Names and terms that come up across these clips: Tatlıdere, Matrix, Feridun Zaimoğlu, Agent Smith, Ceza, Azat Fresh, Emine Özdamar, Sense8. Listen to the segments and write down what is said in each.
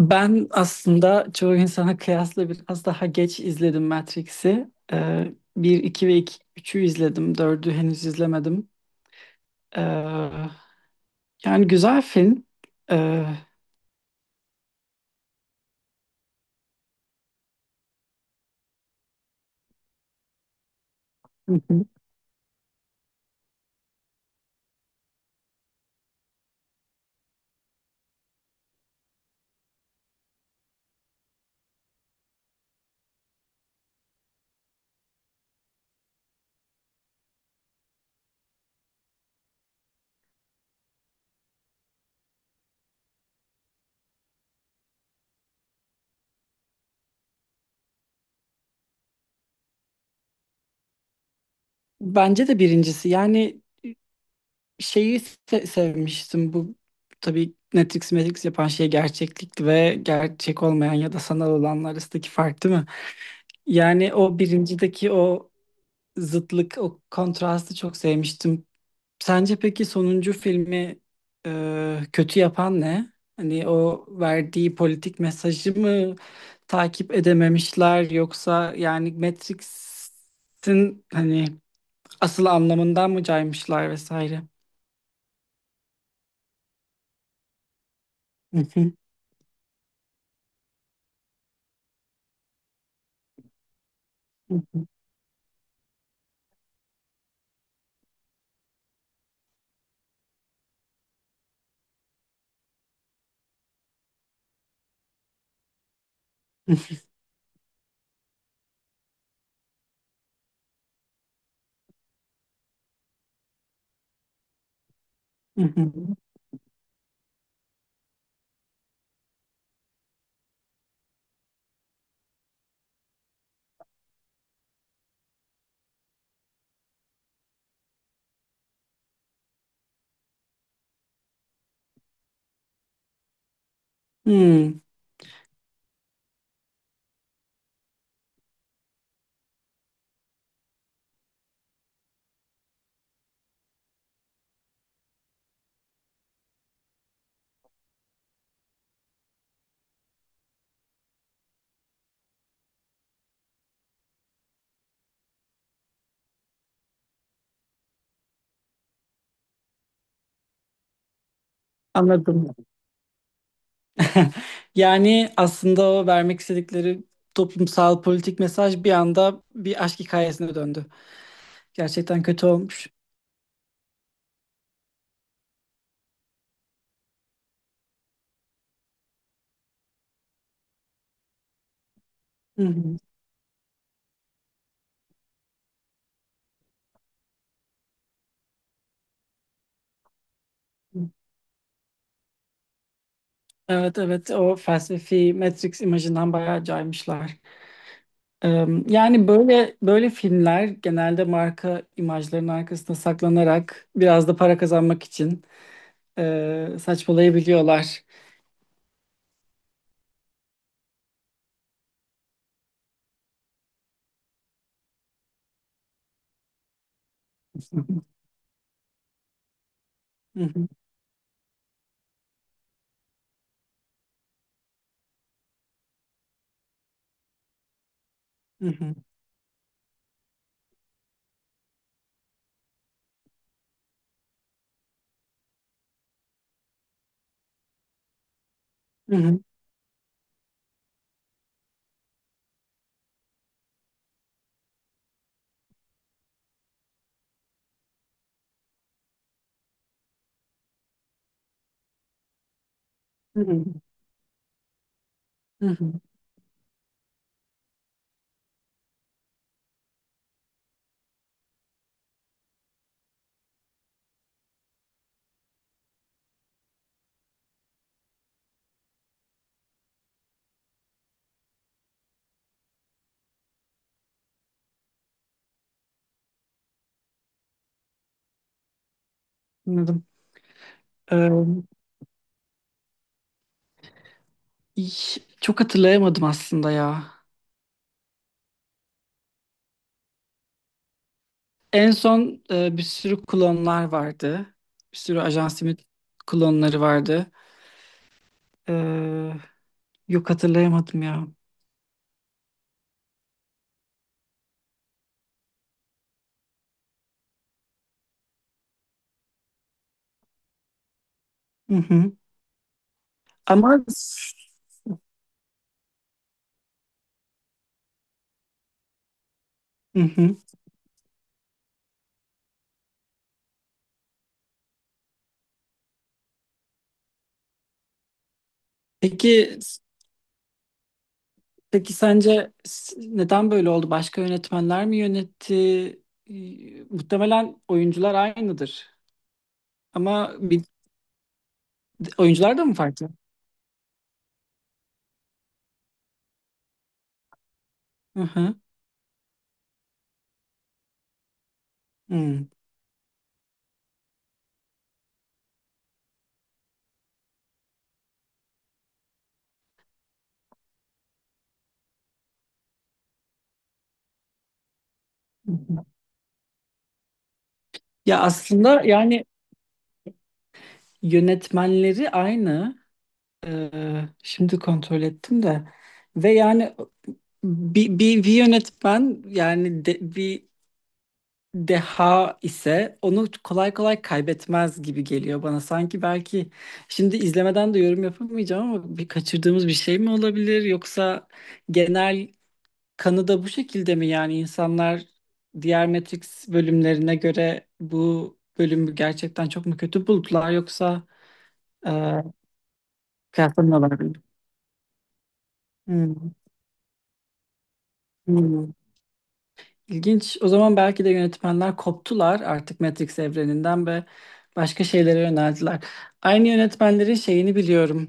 Ben aslında çoğu insana kıyasla biraz daha geç izledim Matrix'i. 1, 2 ve 2 üçü izledim. Dördü henüz izlemedim. Ee, yani güzel film. Ee, Hı hı. Bence de birincisi. Yani şeyi sevmiştim. Bu tabii Matrix Matrix yapan şey gerçeklikti ve gerçek olmayan ya da sanal olanlar arasındaki fark değil mi? Yani o birincideki o zıtlık, o kontrastı çok sevmiştim. Sence peki sonuncu filmi kötü yapan ne? Hani o verdiği politik mesajı mı takip edememişler yoksa yani Matrix'in hani asıl anlamından mı caymışlar vesaire? Hı hı, hı hı, hı hı. Hmm, anladım. Yani aslında o vermek istedikleri toplumsal politik mesaj bir anda bir aşk hikayesine döndü. Gerçekten kötü olmuş. Hı hı. Evet, evet, o felsefi Matrix imajından bayağı caymışlar. Ee, yani böyle böyle filmler genelde marka imajlarının arkasında saklanarak biraz da para kazanmak için saçmalayabiliyorlar. Hı hı, hı hı, hı hı, hı hı, hı hı. Anladım. Ee, çok hatırlayamadım aslında ya. En son bir sürü klonlar vardı. Bir sürü Ajan Smith klonları vardı. Ee, yok hatırlayamadım ya. Hı hı. Ama s- hı hı. Peki s- peki sence neden böyle oldu? Başka yönetmenler mi yönetti? Muhtemelen oyuncular aynıdır. Ama oyuncular da mı farklı? Hı hı. Hı. Ya aslında yani yönetmenleri aynı. Şimdi kontrol ettim de. Ve yani bir yönetmen yani bir deha ise onu kolay kolay kaybetmez gibi geliyor bana. Sanki belki şimdi izlemeden de yorum yapamayacağım ama bir kaçırdığımız bir şey mi olabilir yoksa genel kanı da bu şekilde mi yani insanlar diğer Matrix bölümlerine göre bu bölümü gerçekten çok mu kötü buldular yoksa e, kıyaslama olabilir. Hmm. Hmm. İlginç. O zaman belki de yönetmenler koptular artık Matrix evreninden ve başka şeylere yöneldiler. Aynı yönetmenlerin şeyini biliyorum.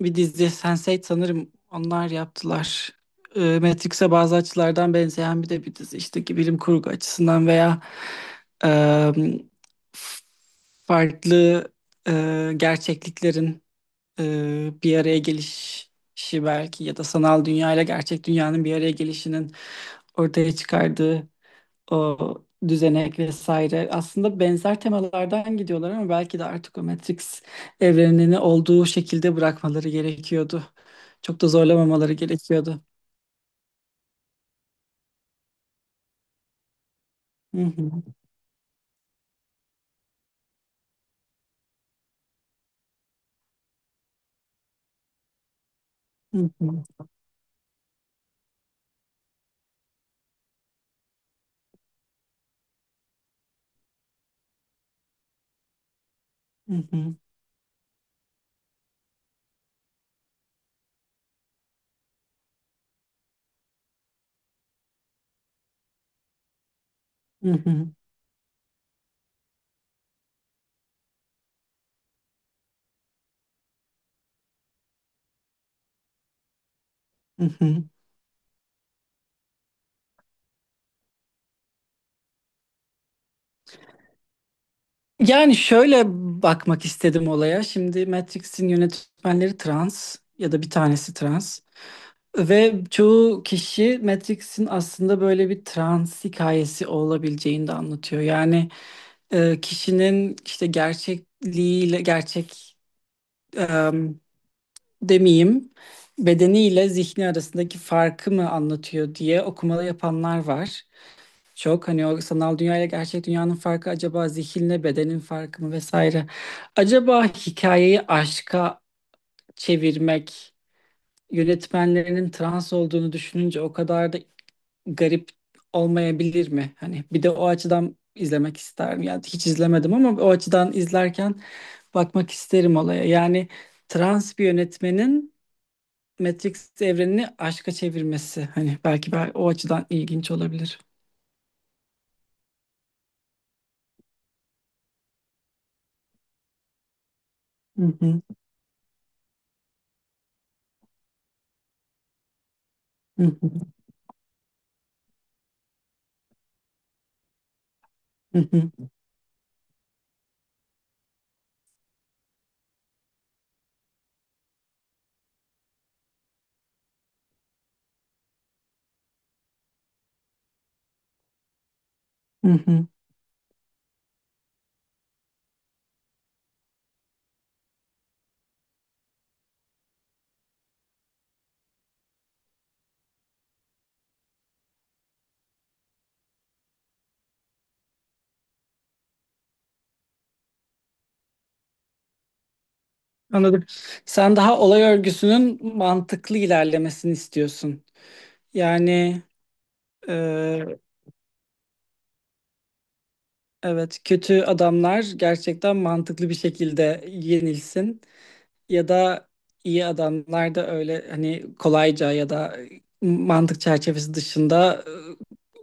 Bir dizi Sense8 sanırım onlar yaptılar. Matrix'e bazı açılardan benzeyen bir de bir dizi işte ki bilim kurgu açısından veya e, f- farklı gerçekliklerin bir araya gelişi belki ya da sanal dünya ile gerçek dünyanın bir araya gelişinin ortaya çıkardığı o düzenek vesaire. Aslında benzer temalardan gidiyorlar ama belki de artık o Matrix evrenini olduğu şekilde bırakmaları gerekiyordu. Çok da zorlamamaları gerekiyordu. Hı hı, hı hı, hı hı, hı hı, hı hı. Yani şöyle bakmak istedim olaya. Şimdi Matrix'in yönetmenleri trans ya da bir tanesi trans. Ve çoğu kişi Matrix'in aslında böyle bir trans hikayesi olabileceğini de anlatıyor. Yani kişinin işte gerçekliğiyle, gerçek e, demeyeyim, bedeniyle zihni arasındaki farkı mı anlatıyor diye okumalı yapanlar var. Çok hani o sanal dünya ile gerçek dünyanın farkı acaba zihinle bedenin farkı mı vesaire. Acaba hikayeyi aşka çevirmek yönetmenlerinin trans olduğunu düşününce o kadar da garip olmayabilir mi? Hani bir de o açıdan izlemek isterim. Yani hiç izlemedim ama o açıdan izlerken bakmak isterim olaya. Yani trans bir yönetmenin Matrix evrenini aşka çevirmesi hani belki o açıdan ilginç olabilir. Hı hı, hı hı, hı hı, hı hı. Anladım. Sen daha olay örgüsünün mantıklı ilerlemesini istiyorsun. Yani, evet, kötü adamlar gerçekten mantıklı bir şekilde yenilsin ya da iyi adamlar da öyle hani kolayca ya da mantık çerçevesi dışında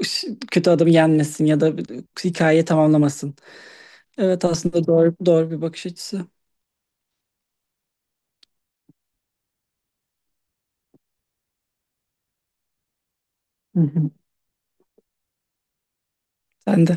kötü adamı yenmesin ya da hikayeyi tamamlamasın. Evet aslında doğru doğru bir bakış açısı. Hı hı. Sen de.